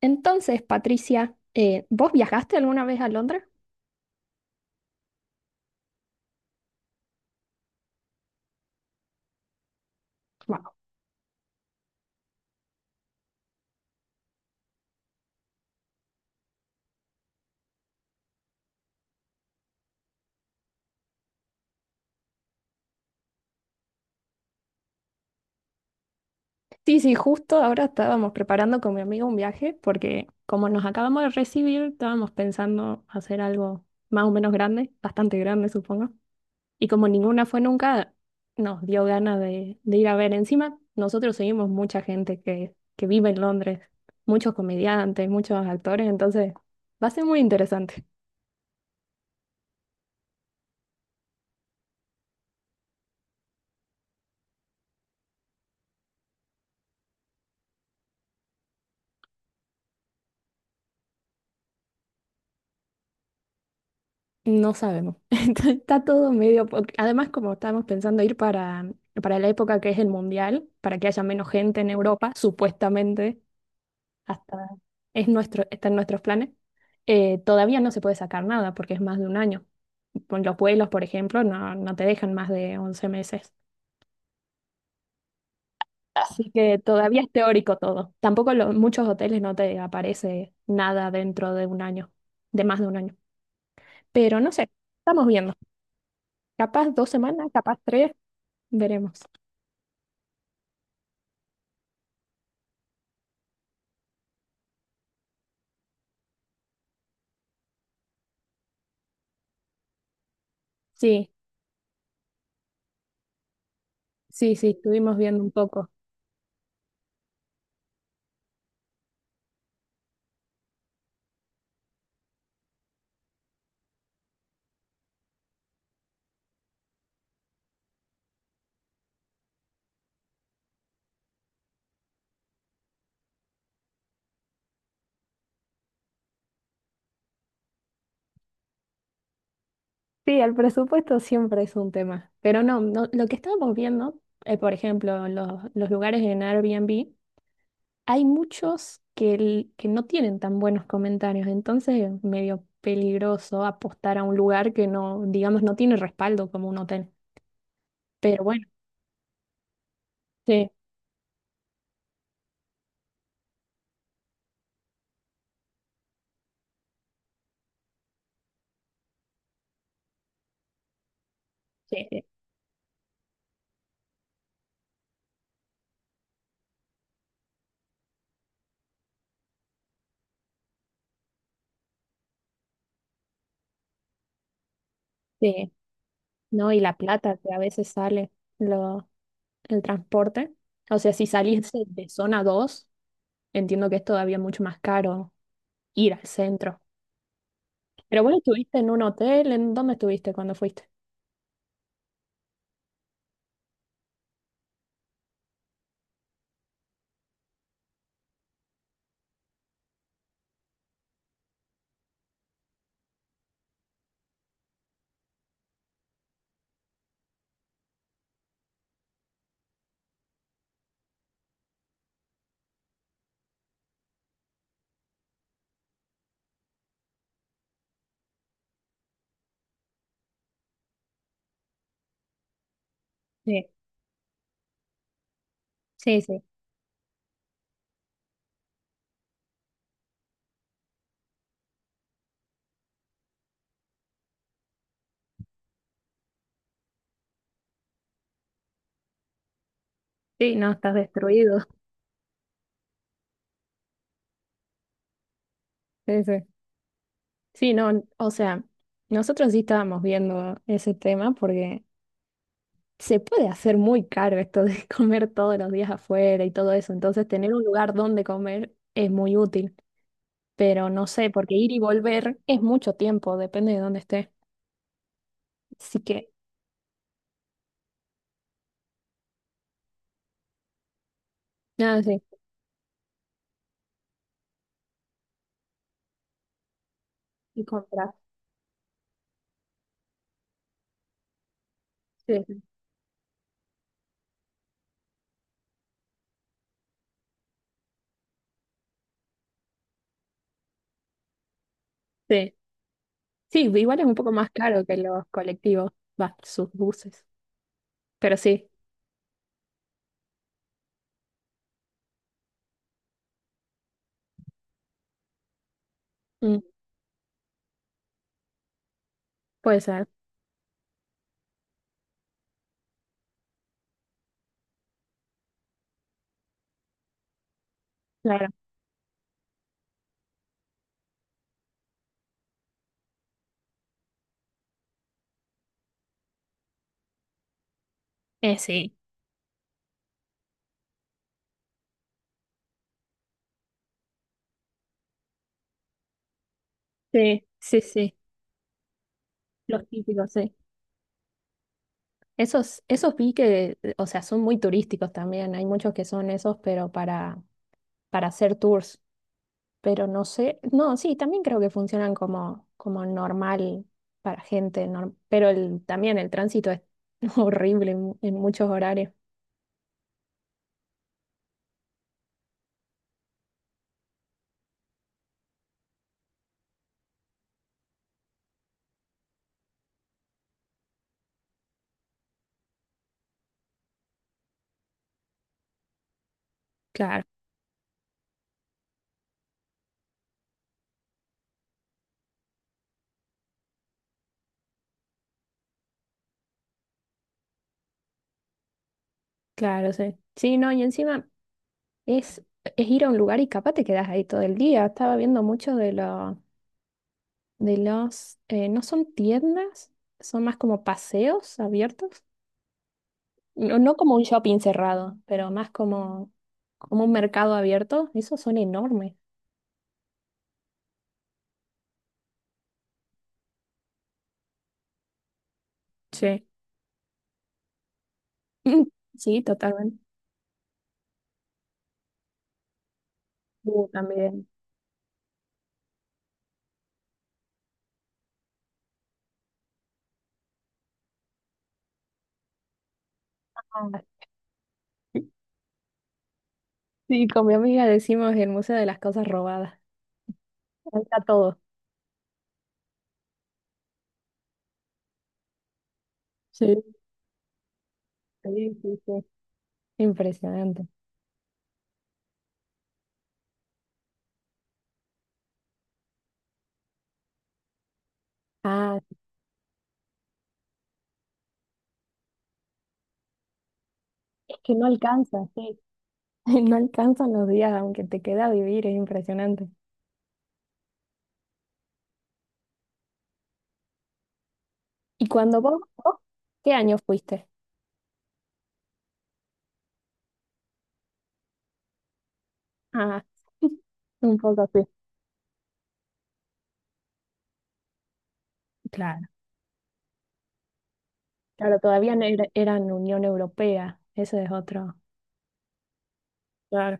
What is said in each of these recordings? Entonces, Patricia, ¿vos viajaste alguna vez a Londres? Wow. Sí, sí, justo ahora estábamos preparando con mi amigo un viaje porque como nos acabamos de recibir, estábamos pensando hacer algo más o menos grande, bastante grande, supongo. Y como ninguna fue nunca, nos dio ganas de ir a ver. Encima, nosotros seguimos mucha gente que vive en Londres, muchos comediantes, muchos actores, entonces va a ser muy interesante. No sabemos. Entonces, está todo medio porque además, como estábamos pensando ir para la época que es el mundial, para que haya menos gente en Europa, supuestamente, hasta es nuestro, está en nuestros planes, todavía no se puede sacar nada porque es más de un año. Con los vuelos, por ejemplo, no, no te dejan más de 11 meses. Así que todavía es teórico todo. Tampoco muchos hoteles no te aparece nada dentro de un año, de más de un año. Pero no sé, estamos viendo. Capaz dos semanas, capaz tres, veremos. Sí, sí, sí, estuvimos viendo un poco. Sí, el presupuesto siempre es un tema, pero no, no, lo que estábamos viendo, por ejemplo, en los lugares en Airbnb, hay muchos que, que no tienen tan buenos comentarios, entonces es medio peligroso apostar a un lugar que no, digamos, no tiene respaldo como un hotel. Pero bueno, sí, sí, sí, sí, ¿no? Y la plata que a veces sale lo, el transporte. O sea, si salís de zona 2, entiendo que es todavía mucho más caro ir al centro. Pero vos estuviste en un hotel, ¿en dónde estuviste cuando fuiste? Sí, sí, sí. Sí, no, estás destruido. Sí, sí. Sí, no, o sea, nosotros sí estábamos viendo ese tema porque se puede hacer muy caro esto de comer todos los días afuera y todo eso, entonces tener un lugar donde comer es muy útil, pero no sé, porque ir y volver es mucho tiempo, depende de dónde esté. Así que, nada, sí, y comprar. Sí, sí. Sí. Sí, igual es un poco más caro que los colectivos, va, sus buses. Pero sí, mm, puede ser, claro. Sí, sí, sí, sí, los típicos, sí. Esos, esos vi que, o sea, son muy turísticos también. Hay muchos que son esos, pero para hacer tours. Pero no sé, no, sí, también creo que funcionan como, como normal para gente, pero el, también el tránsito es horrible en muchos horarios. Claro, claro, sí. Sí, no, y encima. Es, es ir a un lugar y capaz te quedas ahí todo el día. Estaba viendo muchos de no son tiendas, son más como paseos abiertos. No, no como un shopping cerrado, pero más como, como un mercado abierto. Esos son enormes. Sí. Sí, totalmente. Sí, también. Ah, sí, sí, con mi amiga decimos el Museo de las Cosas Robadas. Ahí está todo. Sí, sí, sí, sí. Impresionante. Ah, es que no alcanza, sí. No alcanzan los días, aunque te queda vivir, es impresionante. ¿Y cuando qué año fuiste? Ah, un poco así. Claro, claro, todavía no era- eran Unión Europea, eso es otro. Claro,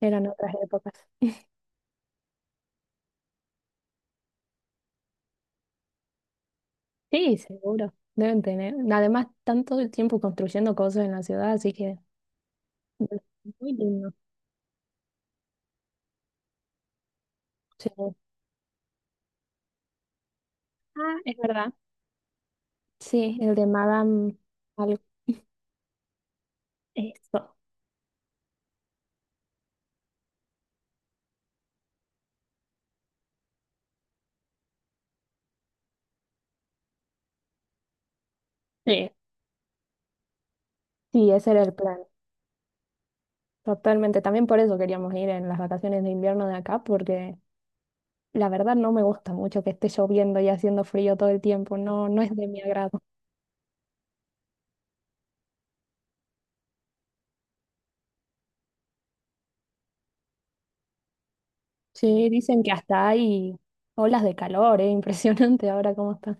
eran otras épocas. Sí, seguro, deben tener. Además, tanto el tiempo construyendo cosas en la ciudad, así que muy lindo. Sí. Ah, es verdad. Sí, el de Madame algo. Eso. Sí, sí, ese era el plan. Totalmente, también por eso queríamos ir en las vacaciones de invierno de acá, porque la verdad no me gusta mucho que esté lloviendo y haciendo frío todo el tiempo, no, no es de mi agrado. Sí, dicen que hasta hay olas de calor, es impresionante ahora cómo está.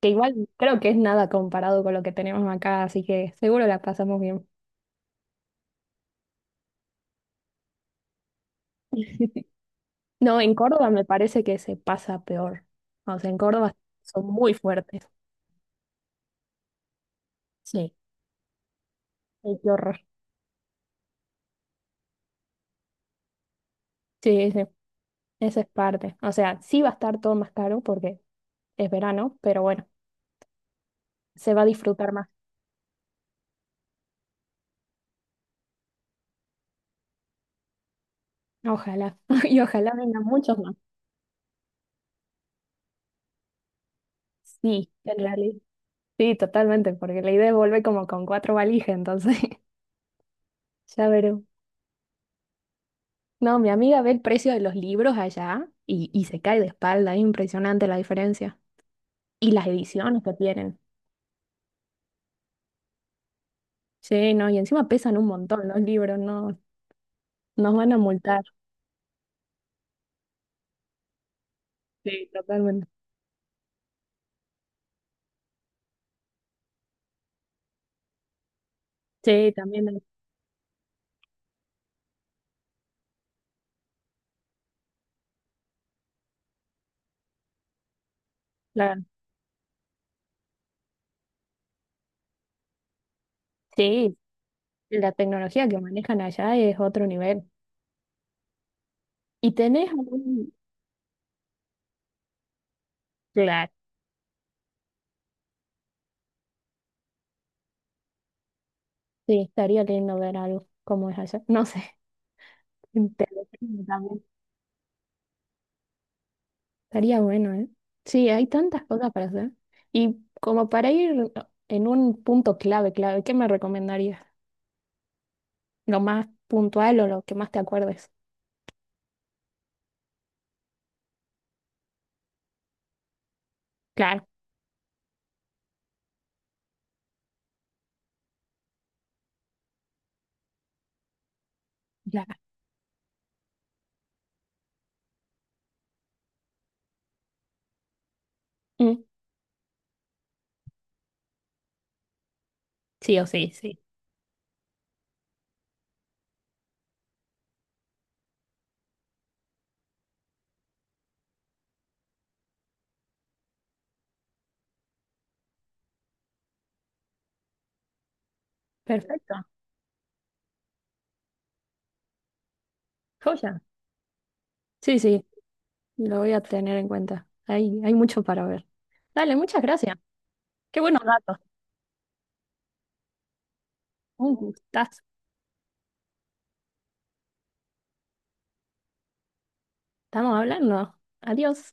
Que igual creo que es nada comparado con lo que tenemos acá, así que seguro la pasamos bien. No, en Córdoba me parece que se pasa peor. O sea, en Córdoba son muy fuertes. Sí. Ay, qué horror. Sí, sí, esa es parte. O sea, sí va a estar todo más caro porque es verano, pero bueno, se va a disfrutar más. Ojalá, y ojalá vengan muchos más. Sí, en realidad. Sí, totalmente, porque la idea es volver como con cuatro valijas, entonces ya veré. No, mi amiga ve el precio de los libros allá y se cae de espalda, es impresionante la diferencia. Y las ediciones que tienen. Sí, no, y encima pesan un montón los libros, no, nos van a multar. Sí, totalmente. Sí, también la, sí, la tecnología que manejan allá es otro nivel. ¿Y tenés algún, claro, sí, estaría lindo ver algo como es allá. No sé, en televisión también. Estaría bueno, ¿eh? Sí, hay tantas cosas para hacer. Y como para ir en un punto clave, clave, ¿qué me recomendarías? ¿Lo más puntual o lo que más te acuerdes? Claro, claro. Mm, sí o sí, sí. Perfecto. Joya. Sí, sí, lo voy a tener en cuenta. Hay mucho para ver. Dale, muchas gracias. Qué buenos datos. Un gustazo. Estamos hablando. Adiós.